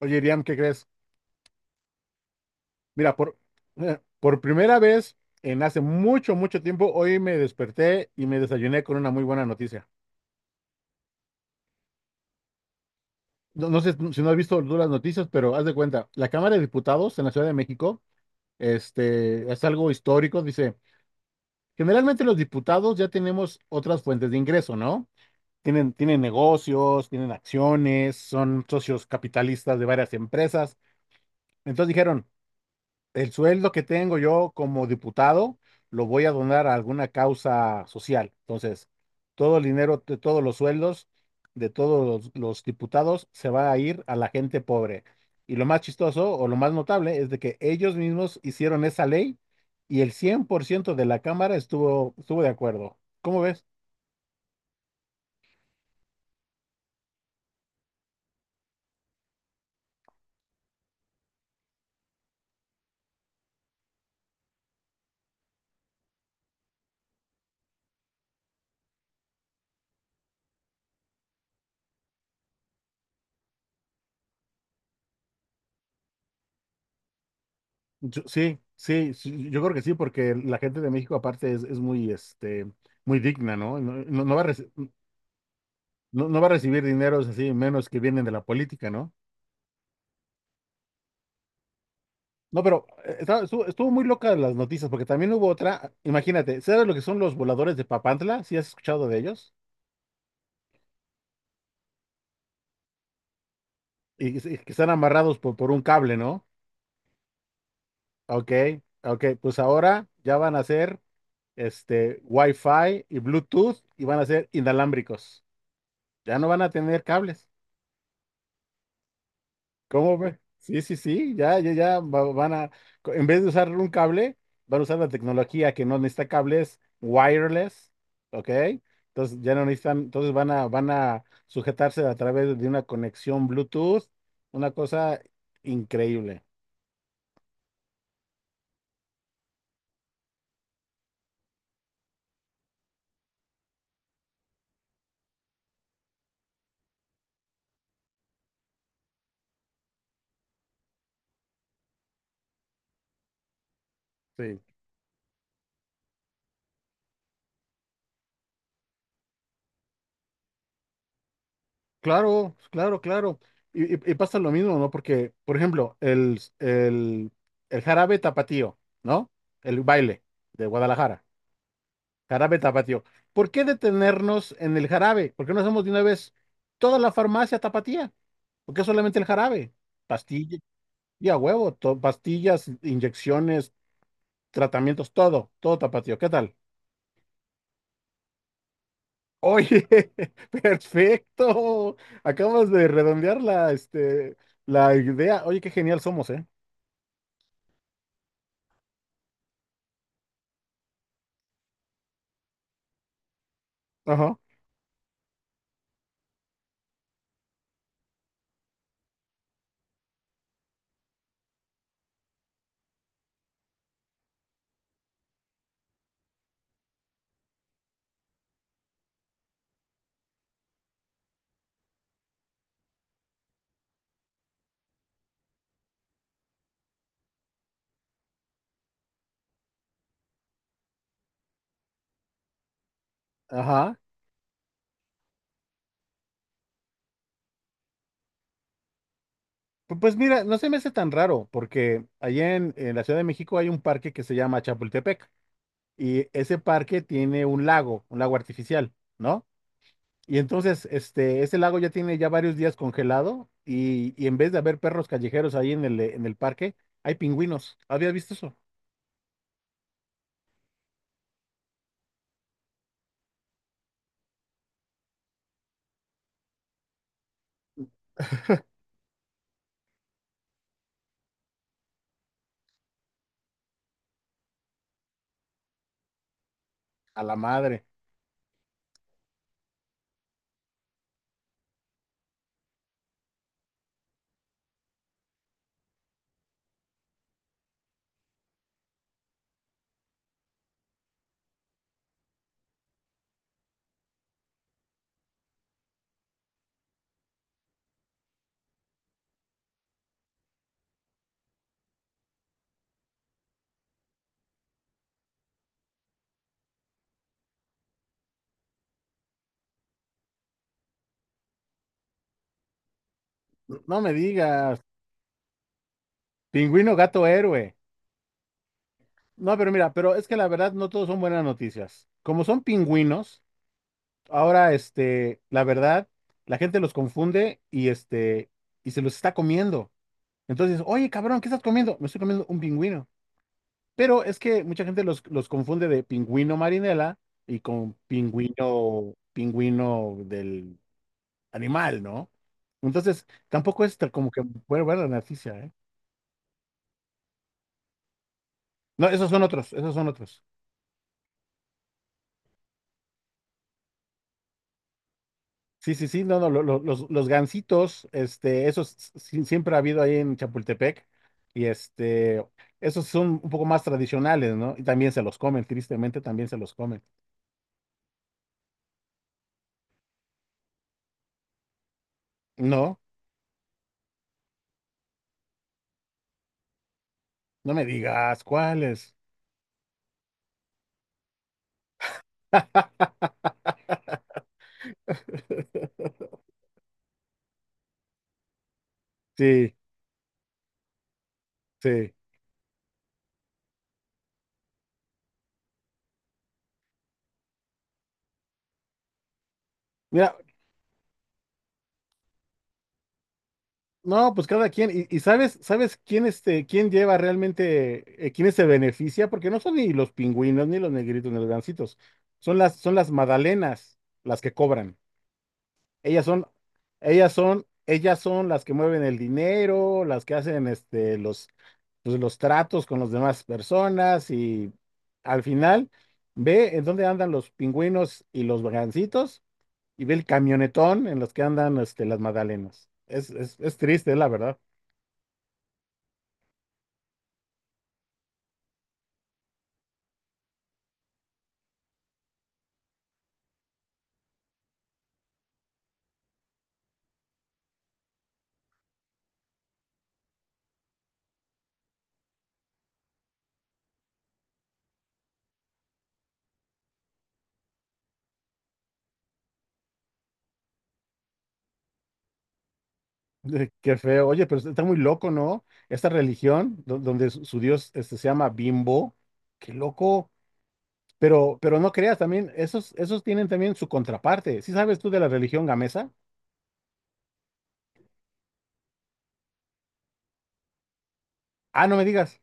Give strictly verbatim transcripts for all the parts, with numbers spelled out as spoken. Oye, Iriam, ¿qué crees? Mira, por, eh, por primera vez en hace mucho, mucho tiempo, hoy me desperté y me desayuné con una muy buena noticia. No, no sé si no has visto tú las noticias, pero haz de cuenta, la Cámara de Diputados en la Ciudad de México, este, es algo histórico, dice, generalmente los diputados ya tenemos otras fuentes de ingreso, ¿no? Tienen, tienen negocios, tienen acciones, son socios capitalistas de varias empresas. Entonces dijeron, el sueldo que tengo yo como diputado lo voy a donar a alguna causa social. Entonces, todo el dinero de todos los sueldos de todos los, los diputados se va a ir a la gente pobre. Y lo más chistoso o lo más notable es de que ellos mismos hicieron esa ley y el cien por ciento de la Cámara estuvo, estuvo de acuerdo. ¿Cómo ves? Yo- sí, sí, sí, yo creo que sí, porque la gente de México aparte es, es muy, este, muy digna, ¿no? No, no- no va a, rec- No, no va a recibir dineros así, menos que vienen de la política, ¿no? No, pero eh, estaba- estuvo, estuvo muy loca las noticias, porque también hubo otra. Imagínate, ¿sabes lo que son los voladores de Papantla? ¿Sí has escuchado de ellos? Y, que que están amarrados por, por un cable, ¿no? Ok, ok, pues ahora ya van a ser este Wi-Fi y Bluetooth y van a ser inalámbricos. Ya no van a tener cables. ¿Cómo ve? Sí, sí, sí, ya, ya, ya va- van a, co- en vez de usar un cable, van a usar la tecnología que no necesita cables wireless, ¿ok? Entonces ya no necesitan, entonces van a, van a sujetarse a través de una conexión Bluetooth, una cosa increíble. Sí, claro, claro, claro. Y, y- y pasa lo mismo, ¿no? Porque, por ejemplo, el, el, el jarabe tapatío, ¿no? El baile de Guadalajara. Jarabe tapatío. ¿Por qué detenernos en el jarabe? ¿Por qué no hacemos de una vez toda la farmacia tapatía? ¿Por qué solamente el jarabe? Pastillas, y a huevo, to- pastillas, inyecciones, tratamientos, todo, todo tapatío. ¿Qué tal? Oye, perfecto. Acabas de redondear la, este, la idea. Oye, qué genial somos, ¿eh? Ajá. Ajá. Pu- Pues mira, no se me hace tan raro, porque allá en, en la Ciudad de México hay un parque que se llama Chapultepec. Y ese parque tiene un lago, un lago artificial, ¿no? Y entonces, este, ese lago ya tiene ya varios días congelado y, y en vez de haber perros callejeros ahí en el, en el parque, hay pingüinos. ¿Habías visto eso? A la madre. No me digas. Pingüino gato héroe. No, pero mira, pero es que la verdad no todos son buenas noticias. Como son pingüinos, ahora, este, la verdad, la gente los confunde y este, y se los está comiendo. Entonces, oye, cabrón, ¿qué estás comiendo? Me estoy comiendo un pingüino. Pero es que mucha gente los, los confunde de pingüino marinela y con pingüino, pingüino del animal, ¿no? Entonces, tampoco es tan como que bueno, bueno, la noticia, ¿eh? No, esos son otros, esos son otros. Sí, sí, sí, no, no, lo- lo- los, los gansitos, este, esos sí- siempre ha habido ahí en Chapultepec, y este, esos son un poco más tradicionales, ¿no? Y también se los comen, tristemente también se los comen. No, no me digas cuáles. Sí, sí. Mira, no, pues cada quien, y, y sabes, ¿sabes quién este, quién lleva realmente, eh, quiénes se beneficia? Porque no son ni los pingüinos, ni los negritos, ni los gancitos. Son las, son las magdalenas las que cobran. Ellas son, ellas son, ellas son las que mueven el dinero, las que hacen este, los, pues, los tratos con las demás personas, y al final, ve en dónde andan los pingüinos y los gancitos y ve el camionetón en los que andan este, las magdalenas. Es, es, es triste, la verdad. Qué feo. Oye, pero está muy loco, ¿no? Esta religión, do- donde su, su dios este, se llama Bimbo, qué loco. Pero, pero no creas, también, esos, esos tienen también su contraparte. ¿Sí sabes tú de la religión gamesa? Ah, no me digas.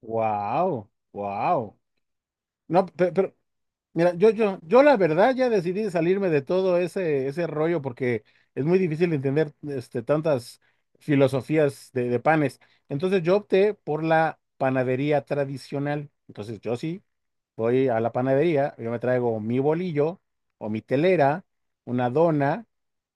Wow, wow. No, pe- pero, mira, yo, yo, yo la verdad ya decidí salirme de todo ese, ese rollo porque es muy difícil entender este, tantas filosofías de, de panes. Entonces yo opté por la panadería tradicional. Entonces yo sí voy a la panadería, yo me traigo mi bolillo o mi telera, una dona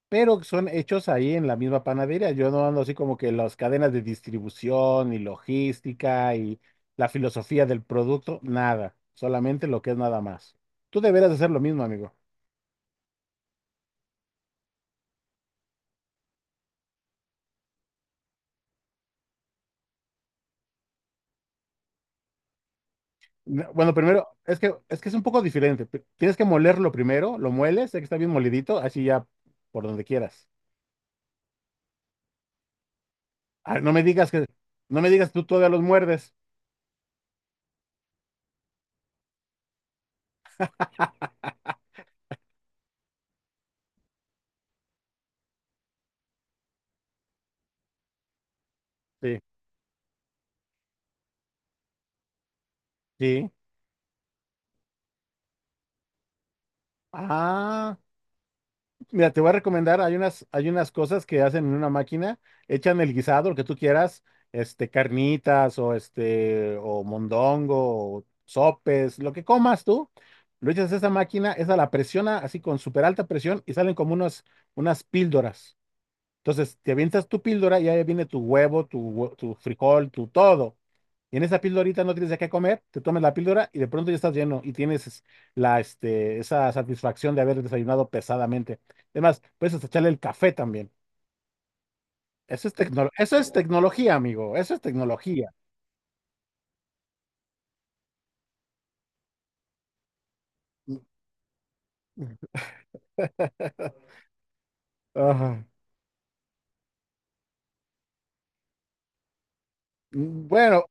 pero son hechos ahí en la misma panadería. Yo no ando así como que las cadenas de distribución y logística y la filosofía del producto, nada, solamente lo que es nada más. Tú deberías hacer lo mismo, amigo. N- Bueno, primero, es que, es que es un poco diferente. P- Tienes que molerlo primero, lo mueles, sé que está bien molidito, así ya por donde quieras. Ah, no me digas que, no me digas tú todavía los muerdes. Sí, sí. Ah. Mira, te voy a recomendar, hay unas, hay unas cosas que hacen en una máquina, echan el guisado, lo que tú quieras, este, carnitas o este, o mondongo, o sopes, lo que comas tú, lo echas a esa máquina, esa la presiona así con súper alta presión y salen como unos, unas píldoras. Entonces, te avientas tu píldora y ahí viene tu huevo, tu, hue- tu frijol, tu todo. Y en esa píldorita no tienes de qué comer, te tomas la píldora y de pronto ya estás lleno y tienes es- la, este, esa satisfacción de haber desayunado pesadamente. Además, puedes hasta echarle el café también. Eso es tecno- eso es tecnología, amigo. Eso es tecnología. Ajá. Mm, bueno,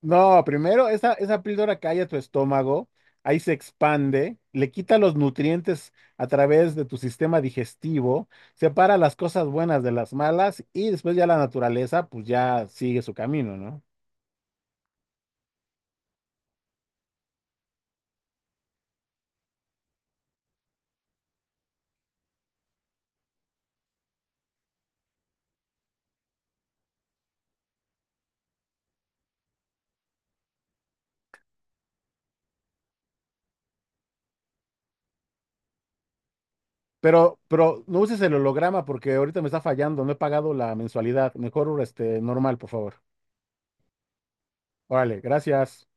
no, primero, esa, esa píldora calla tu estómago, ahí se expande, le quita los nutrientes a través de tu sistema digestivo, separa las cosas buenas de las malas y después ya la naturaleza pues ya sigue su camino, ¿no? Pero, pero no uses el holograma porque ahorita me está fallando, no he pagado la mensualidad. Mejor este normal, por favor. Órale, gracias.